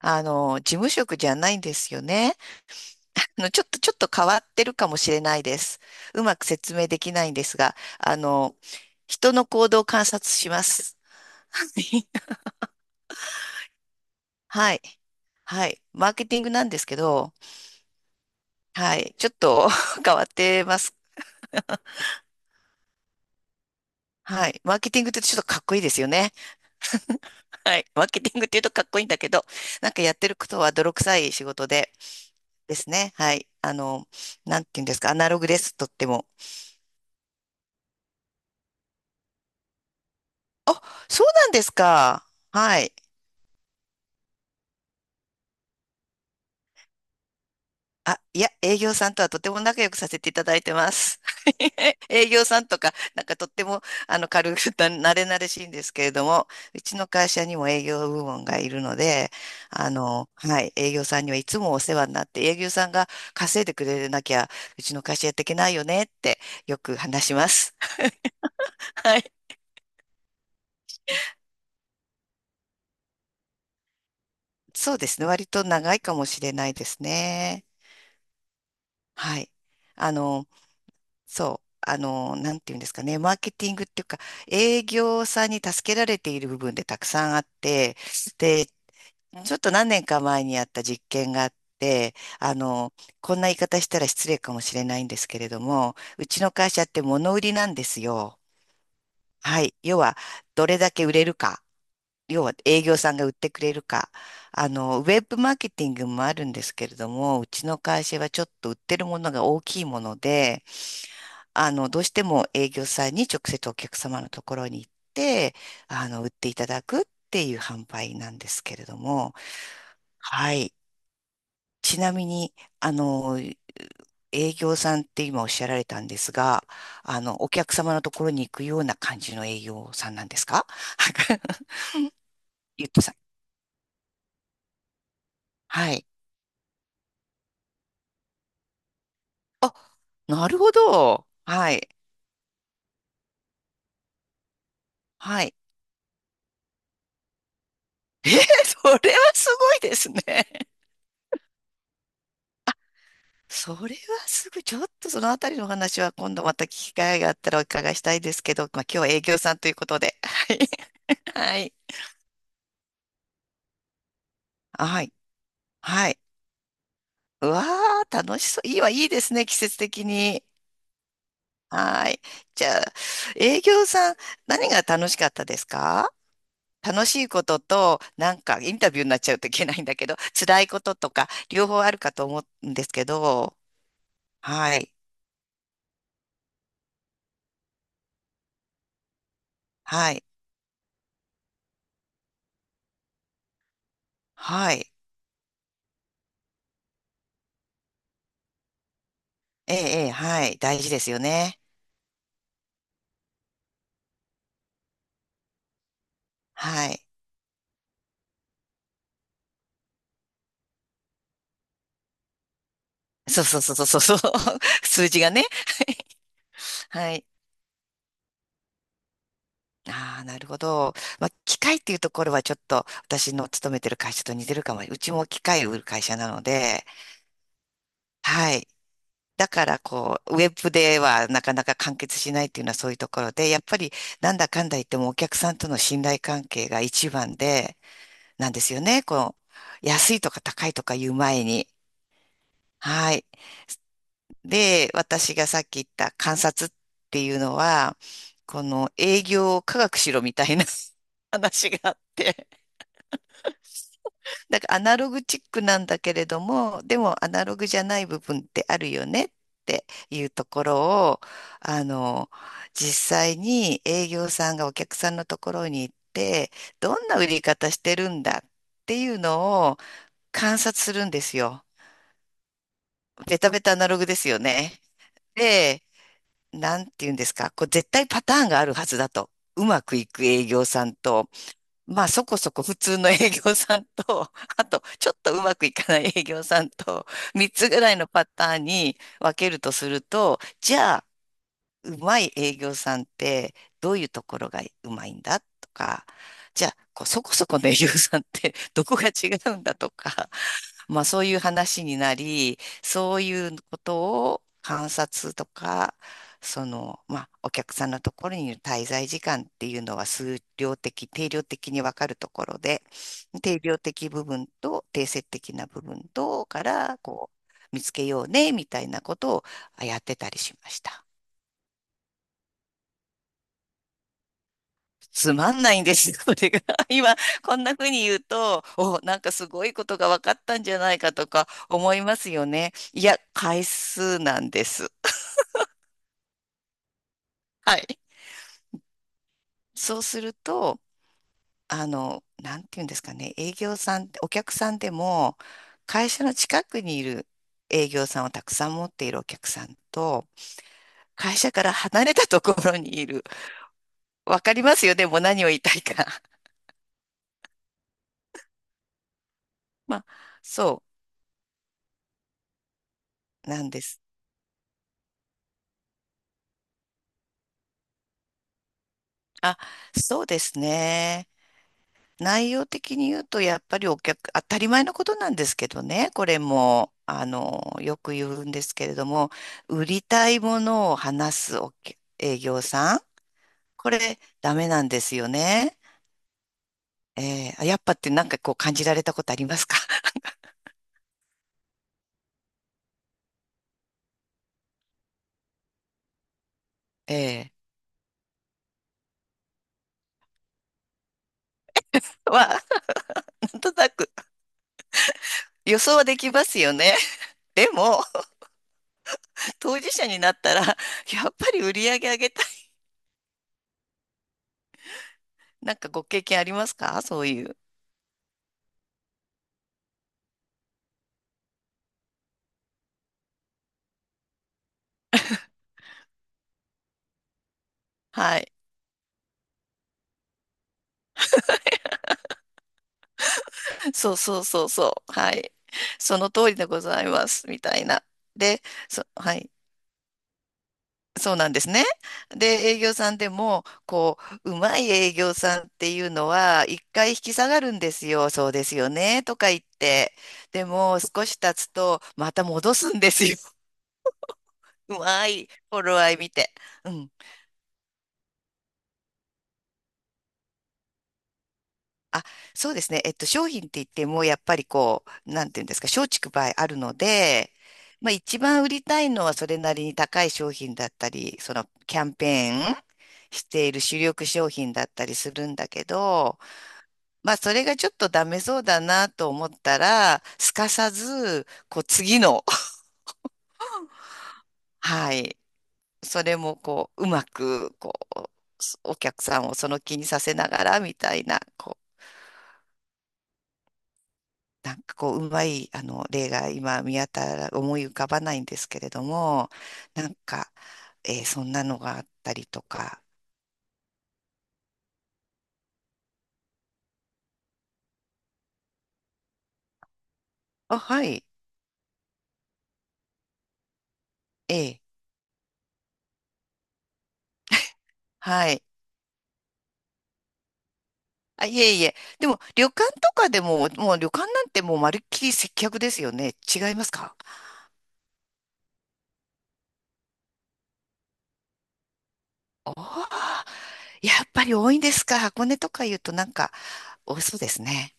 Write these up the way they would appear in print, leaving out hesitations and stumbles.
事務職じゃないんですよね。ちょっと変わってるかもしれないです。うまく説明できないんですが、人の行動を観察します。はい。はい。マーケティングなんですけど、はい。ちょっと 変わってます。はい。マーケティングってちょっとかっこいいですよね。はい。マーケティングって言うとかっこいいんだけど、なんかやってることは泥臭い仕事でですね。はい。なんて言うんですか。アナログです。とっても。あ、そうなんですか。はい。あ、いや、営業さんとはとても仲良くさせていただいてます。営業さんとか、なんかとっても、軽く、なれなれしいんですけれども、うちの会社にも営業部門がいるので、はい、営業さんにはいつもお世話になって、営業さんが稼いでくれなきゃ、うちの会社やっていけないよねって、よく話します。はい。そうですね。割と長いかもしれないですね。はい。あの、そう、なんていうんですかね、マーケティングっていうか、営業さんに助けられている部分でたくさんあって、で、ちょっと何年か前にやった実験があって、あの、こんな言い方したら失礼かもしれないんですけれども、うちの会社って物売りなんですよ。はい。要は、どれだけ売れるか。要は営業さんが売ってくれるか。ウェブマーケティングもあるんですけれども、うちの会社はちょっと売ってるものが大きいもので、どうしても営業さんに直接お客様のところに行って、売っていただくっていう販売なんですけれども、はい。ちなみに、あの、営業さんって今おっしゃられたんですが、お客様のところに行くような感じの営業さんなんですか？ ゆっとさん。はい。あ、なるほど。はい。はい。えー、それはすごいですね。それはすぐ、ちょっとそのあたりの話は今度また聞き機会があったらお伺いしたいですけど、まあ、今日は営業さんということで。はい。はい。はい。はい。うわー、楽しそう。いいわ、いいですね、季節的に。はい。じゃあ、営業さん、何が楽しかったですか？楽しいことと、なんかインタビューになっちゃうといけないんだけど、辛いこととか、両方あるかと思うんですけど、はい。はい。はい。ええ、ええはい。大事ですよね。はい。そうそうそうそうそう。数字がね。はい。ああ、なるほど。まあ、機械っていうところはちょっと私の勤めてる会社と似てるかも。うちも機械を売る会社なので、はい。だからこう、ウェブではなかなか完結しないっていうのはそういうところで、やっぱりなんだかんだ言ってもお客さんとの信頼関係が一番で、なんですよね。この、安いとか高いとか言う前に。はい。で、私がさっき言った観察っていうのは、この営業を科学しろみたいな 話があって、なんかアナログチックなんだけれども、でもアナログじゃない部分ってあるよねっていうところを、あの、実際に営業さんがお客さんのところに行って、どんな売り方してるんだっていうのを観察するんですよ。ベタベタアナログですよね。でなんて言うんですか、こう絶対パターンがあるはずだと。うまくいく営業さんと、まあそこそこ普通の営業さんと、あとちょっとうまくいかない営業さんと、3つぐらいのパターンに分けるとすると、じゃあ、うまい営業さんってどういうところがうまいんだとか、じゃあ、こうそこそこの営業さんってどこが違うんだとか、まあそういう話になり、そういうことを観察とか、その、まあお客さんのところにいる滞在時間っていうのは数量的、定量的に分かるところで、定量的部分と定性的な部分とから、こう、見つけようね、みたいなことをやってたりしました。つまんないんですよ、これが。今、こんな風に言うと、お、なんかすごいことが分かったんじゃないかとか思いますよね。いや、回数なんです。はい。そうすると、なんていうんですかね、営業さん、お客さんでも、会社の近くにいる営業さんをたくさん持っているお客さんと、会社から離れたところにいる。わかりますよね、もう何を言いたいか。まあ、そうなんです。あ、そうですね。内容的に言うと、やっぱりお客、当たり前のことなんですけどね、これも、よく言うんですけれども、売りたいものを話す営業さん、これ、ダメなんですよね。あやっぱってなんかこう感じられたことありますか？ えは、なんとなく予想はできますよね。でも、当事者になったら、やっぱり売り上げ上げたい。なんかご経験ありますかそういう。はい。そうそうそうそう。はい。その通りでございます。みたいな。で、はい。そうなんですね。で、営業さんでも、こう、うまい営業さんっていうのは、一回引き下がるんですよ。そうですよね。とか言って。でも、少し経つと、また戻すんですよ。うまい。頃合い見て。うん。あ、そうですね。商品って言っても、やっぱりこう、なんていうんですか、松竹梅あるので、まあ一番売りたいのはそれなりに高い商品だったり、そのキャンペーンしている主力商品だったりするんだけど、まあそれがちょっとダメそうだなと思ったら、すかさず、こう次の、はい、それもこう、うまく、こう、お客さんをその気にさせながらみたいな、こう、なんかこう、うまい、例が今見当たら、思い浮かばないんですけれども、なんか、そんなのがあったりとか。あ、はい。ええ、はい。あ、いえいえ。でも、旅館とかでも、もう旅館なんてもうまるっきり接客ですよね。違いますか？おおー、やっぱり多いんですか。箱根とか言うとなんか多そうですね。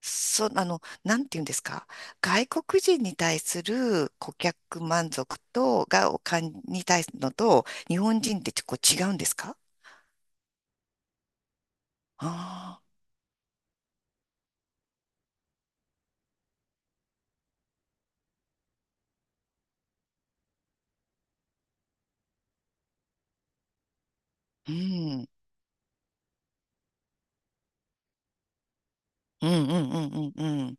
そう、なんて言うんですか。外国人に対する顧客満足と、が、お金に対するのと、日本人ってちょっと違うんですか？ああー、うん。うんうんうんうんうん。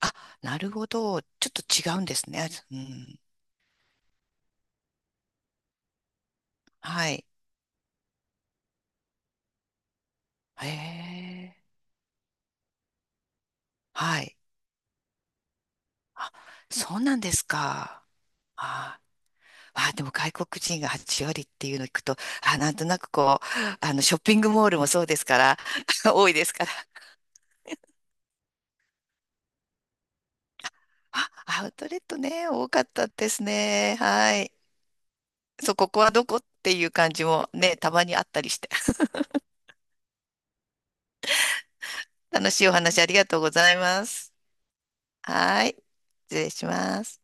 あ、なるほど。ちょっと違うんですね。うん。はい。へえ。はい。あ、そうなんですか。ああでも外国人が8割っていうのを聞くと、あ、なんとなくこう、ショッピングモールもそうですから、多いですから、あ、アウトレットね、多かったですね。はい。そう、ここはどこっていう感じもね、たまにあったりして。楽しいお話ありがとうございます。はい。失礼します。